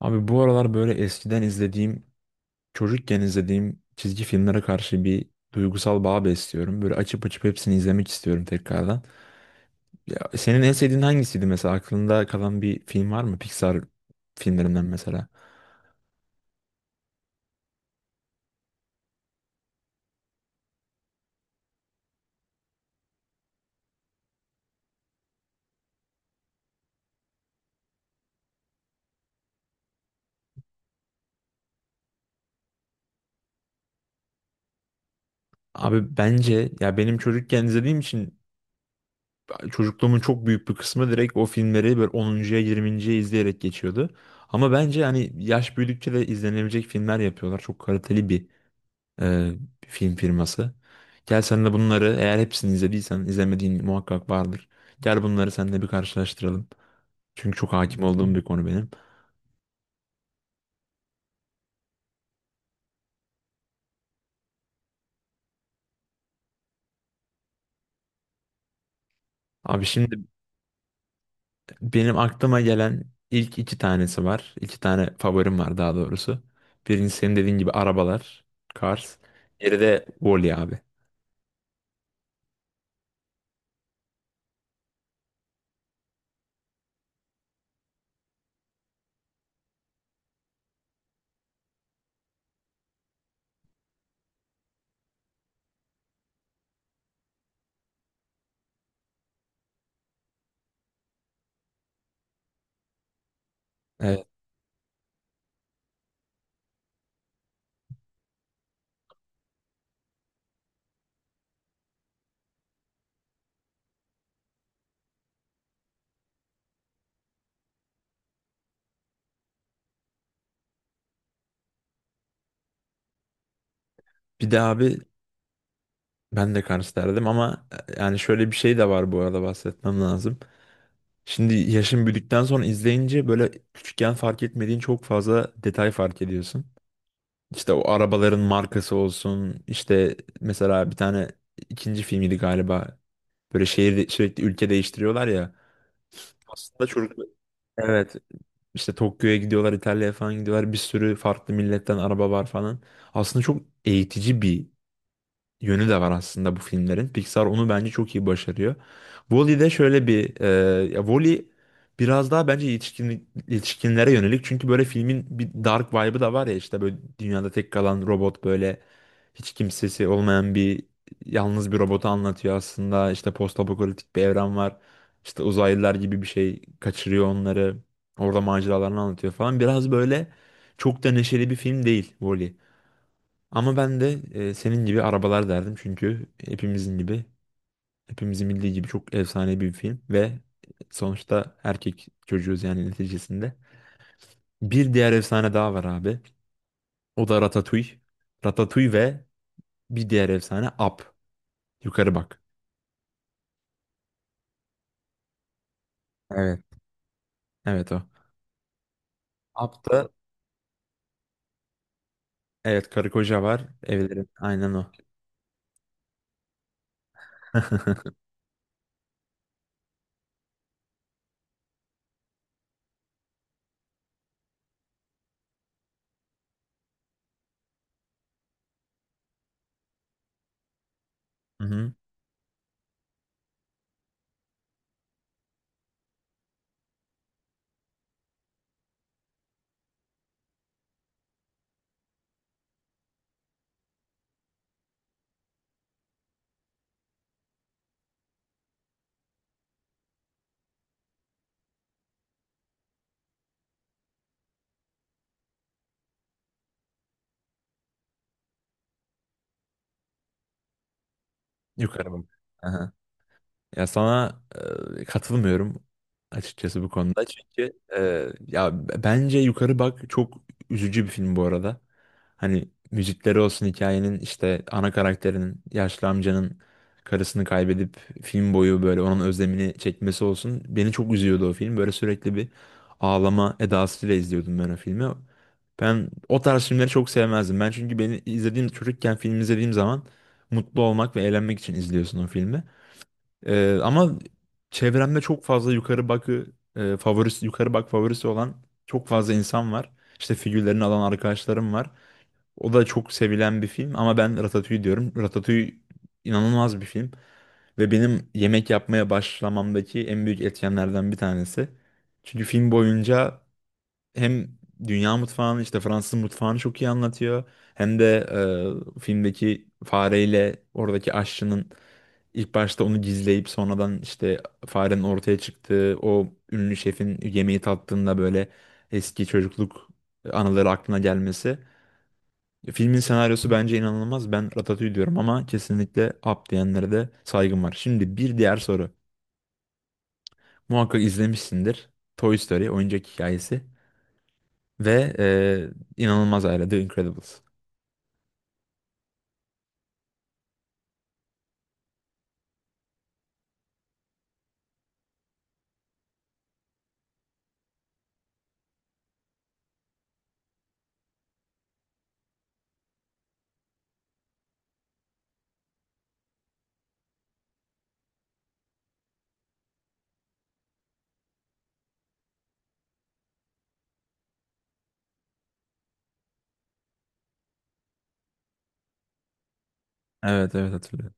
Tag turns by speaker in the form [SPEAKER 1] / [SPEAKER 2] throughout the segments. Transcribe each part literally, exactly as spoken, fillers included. [SPEAKER 1] Abi bu aralar böyle eskiden izlediğim, çocukken izlediğim çizgi filmlere karşı bir duygusal bağ besliyorum. Böyle açıp açıp hepsini izlemek istiyorum tekrardan. Ya senin en sevdiğin hangisiydi mesela? Aklında kalan bir film var mı? Pixar filmlerinden mesela. Abi bence ya benim çocukken izlediğim için çocukluğumun çok büyük bir kısmı direkt o filmleri böyle onuncuya.ya yirminciye.ye izleyerek geçiyordu. Ama bence hani yaş büyüdükçe de izlenebilecek filmler yapıyorlar. Çok kaliteli bir e, film firması. Gel sen de bunları eğer hepsini izlediysen izlemediğin muhakkak vardır. Gel bunları seninle bir karşılaştıralım. Çünkü çok hakim olduğum bir konu benim. Abi şimdi Benim aklıma gelen ilk iki tanesi var. İki tane favorim var daha doğrusu. Birincisi senin dediğin gibi arabalar, Cars. Diğeri de Wall-E abi. Evet. Bir de abi ben de Cars derdim ama e, yani şöyle bir şey de var bu arada bahsetmem lazım. Şimdi yaşın büyüdükten sonra izleyince böyle küçükken fark etmediğin çok fazla detay fark ediyorsun. İşte o arabaların markası olsun. İşte mesela bir tane ikinci filmiydi galiba. Böyle şehir sürekli ülke değiştiriyorlar ya. Aslında çocuk Evet, işte Tokyo'ya gidiyorlar, İtalya'ya falan gidiyorlar. Bir sürü farklı milletten araba var falan. Aslında çok eğitici bir yönü de var aslında bu filmlerin. Pixar onu bence çok iyi başarıyor. Wall-E'de şöyle bir e, ya Wall-E biraz daha bence yetişkin, yetişkinlere yönelik. Çünkü böyle filmin bir dark vibe'ı da var ya işte böyle dünyada tek kalan robot böyle hiç kimsesi olmayan bir yalnız bir robotu anlatıyor aslında. İşte postapokaliptik bir evren var. İşte uzaylılar gibi bir şey kaçırıyor onları. Orada maceralarını anlatıyor falan. Biraz böyle çok da neşeli bir film değil Wall-E. Ama ben de e, senin gibi arabalar derdim çünkü hepimizin gibi, hepimizin bildiği gibi çok efsane bir film ve sonuçta erkek çocuğuz yani neticesinde. Bir diğer efsane daha var abi. O da Ratatouille. Ratatouille ve bir diğer efsane Up. Yukarı bak. Evet. Evet o. Up da. Evet, karı koca var. Evlerin aynen o. Hı hı. Yukarı bak. Ya sana e, katılmıyorum açıkçası bu konuda. Çünkü e, ya b- bence Yukarı Bak çok üzücü bir film bu arada. Hani müzikleri olsun hikayenin işte ana karakterinin yaşlı amcanın karısını kaybedip film boyu böyle onun özlemini çekmesi olsun. Beni çok üzüyordu o film. Böyle sürekli bir ağlama edasıyla izliyordum ben o filmi. Ben o tarz filmleri çok sevmezdim. Ben çünkü beni izlediğim çocukken film izlediğim zaman mutlu olmak ve eğlenmek için izliyorsun o filmi. Ee, ama çevremde çok fazla yukarı bakı e, favorisi yukarı bak favorisi olan çok fazla insan var. İşte figürlerini alan arkadaşlarım var. O da çok sevilen bir film ama ben Ratatouille diyorum. Ratatouille inanılmaz bir film ve benim yemek yapmaya başlamamdaki en büyük etkenlerden bir tanesi. Çünkü film boyunca hem dünya mutfağını işte Fransız mutfağını çok iyi anlatıyor hem de e, filmdeki fareyle oradaki aşçının İlk başta onu gizleyip sonradan işte farenin ortaya çıktığı o ünlü şefin yemeği tattığında böyle eski çocukluk anıları aklına gelmesi. Filmin senaryosu bence inanılmaz. Ben Ratatouille diyorum ama kesinlikle Up diyenlere de saygım var. Şimdi bir diğer soru. Muhakkak izlemişsindir. Toy Story oyuncak hikayesi ve e, inanılmaz aile The Incredibles. Evet, evet, hatırlıyorum.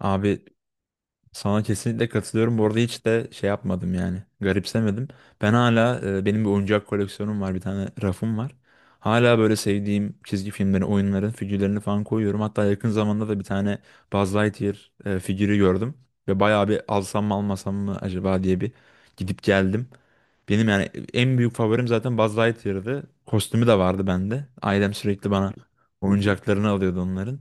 [SPEAKER 1] Abi Sana kesinlikle katılıyorum. Bu arada hiç de şey yapmadım yani. Garipsemedim. Ben hala e, benim bir oyuncak koleksiyonum var. Bir tane rafım var. Hala böyle sevdiğim çizgi filmlerin, oyunların figürlerini falan koyuyorum. Hatta yakın zamanda da bir tane Buzz Lightyear e, figürü gördüm. Ve bayağı bir alsam mı almasam mı acaba diye bir gidip geldim. Benim yani en büyük favorim zaten Buzz Lightyear'dı. Kostümü de vardı bende. Ailem sürekli bana oyuncaklarını alıyordu onların.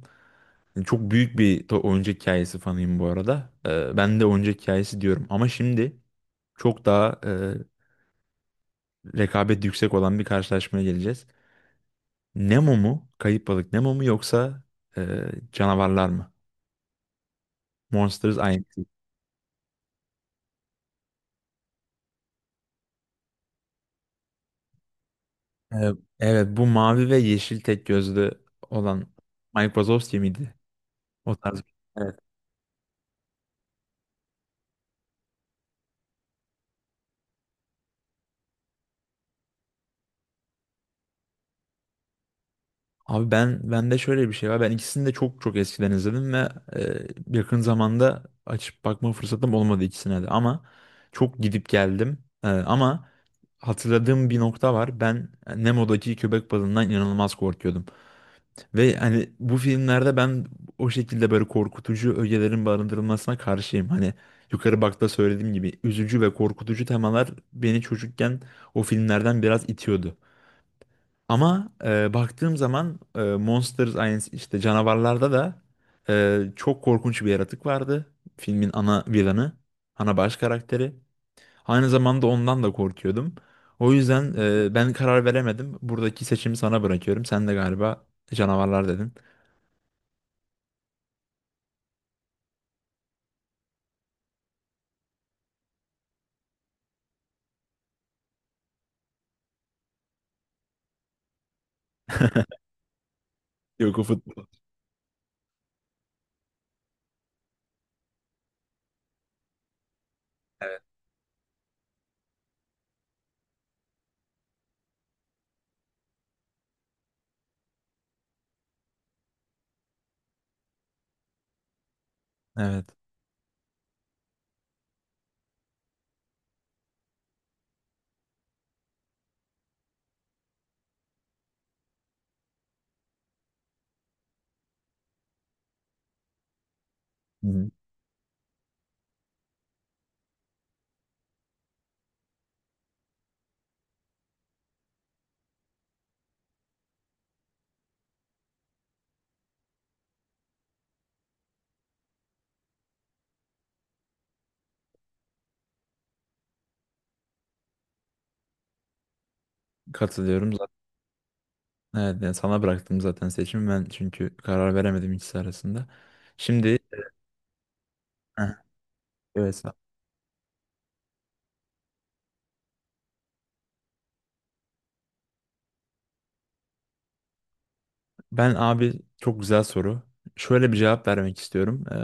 [SPEAKER 1] Yani Çok büyük bir to- oyuncak hikayesi fanıyım bu arada. Ee, ben de oyuncak hikayesi diyorum. Ama şimdi çok daha e, rekabet yüksek olan bir karşılaşmaya geleceğiz. Nemo mu? Kayıp balık Nemo mu yoksa e, canavarlar mı? Monsters ink. Ee, evet, bu mavi ve yeşil tek gözlü olan Mike Wazowski miydi? O tarz. Abi ben bende şöyle bir şey var. Ben ikisini de çok çok eskiden izledim ve e, yakın zamanda açıp bakma fırsatım olmadı ikisine de. Ama çok gidip geldim. E, ama hatırladığım bir nokta var. Ben Nemo'daki köpek balığından inanılmaz korkuyordum. Ve hani bu filmlerde ben o şekilde böyle korkutucu ögelerin barındırılmasına karşıyım. Hani yukarı bakta söylediğim gibi üzücü ve korkutucu temalar beni çocukken o filmlerden biraz itiyordu. Ama e, baktığım zaman e, Monster aynı işte canavarlarda da e, çok korkunç bir yaratık vardı. Filmin ana villainı, ana baş karakteri. Aynı zamanda ondan da korkuyordum. O yüzden e, ben karar veremedim. Buradaki seçimi sana bırakıyorum. Sen de galiba canavarlar dedin. Yok, o futbol. Evet. Hı. Katılıyorum zaten. Evet, yani sana bıraktım zaten seçimi ben çünkü karar veremedim ikisi arasında. Şimdi. Heh, evet. Ben, abi, çok güzel soru. Şöyle bir cevap vermek istiyorum. Ee,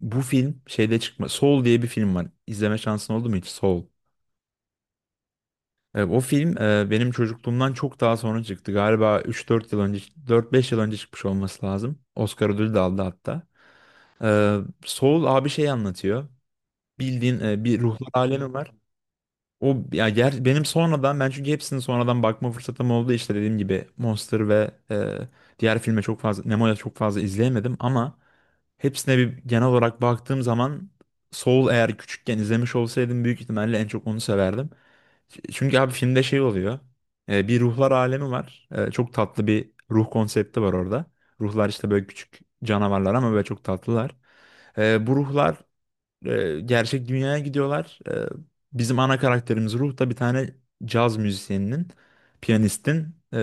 [SPEAKER 1] bu film şeyde çıkma. Soul diye bir film var. İzleme şansın oldu mu hiç? Soul. Ee, o film e, benim çocukluğumdan çok daha sonra çıktı. Galiba üç dört yıl önce, dört beş yıl önce çıkmış olması lazım. Oscar ödülü de aldı hatta. Ee, Soul abi şey anlatıyor. Bildiğin e, bir ruhlar alemi var. O ya ger benim sonradan ben çünkü hepsini sonradan bakma fırsatım oldu. İşte dediğim gibi Monster ve e, diğer filme çok fazla Nemo'ya çok fazla izleyemedim ama Hepsine bir genel olarak baktığım zaman Soul eğer küçükken izlemiş olsaydım büyük ihtimalle en çok onu severdim. Çünkü abi filmde şey oluyor. E, Bir ruhlar alemi var. E, Çok tatlı bir ruh konsepti var orada. Ruhlar işte böyle küçük canavarlar ama böyle çok tatlılar. E, Bu ruhlar e, gerçek dünyaya gidiyorlar. E, bizim ana karakterimiz Ruh da bir tane caz müzisyeninin, piyanistin e,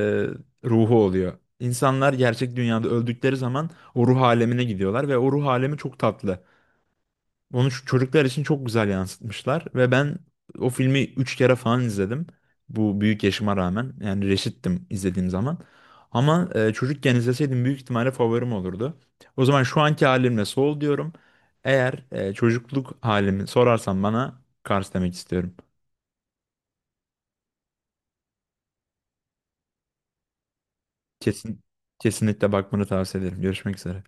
[SPEAKER 1] ruhu oluyor. İnsanlar gerçek dünyada öldükleri zaman o ruh alemine gidiyorlar ve o ruh alemi çok tatlı. Onu şu çocuklar için çok güzel yansıtmışlar ve ben o filmi üç kere falan izledim. Bu büyük yaşıma rağmen yani reşittim izlediğim zaman. Ama e, çocukken izleseydim büyük ihtimalle favorim olurdu. O zaman şu anki halimle Soul diyorum. Eğer e, çocukluk halimi sorarsan bana Cars demek istiyorum. Kesin kesinlikle bakmanı tavsiye ederim. Görüşmek üzere.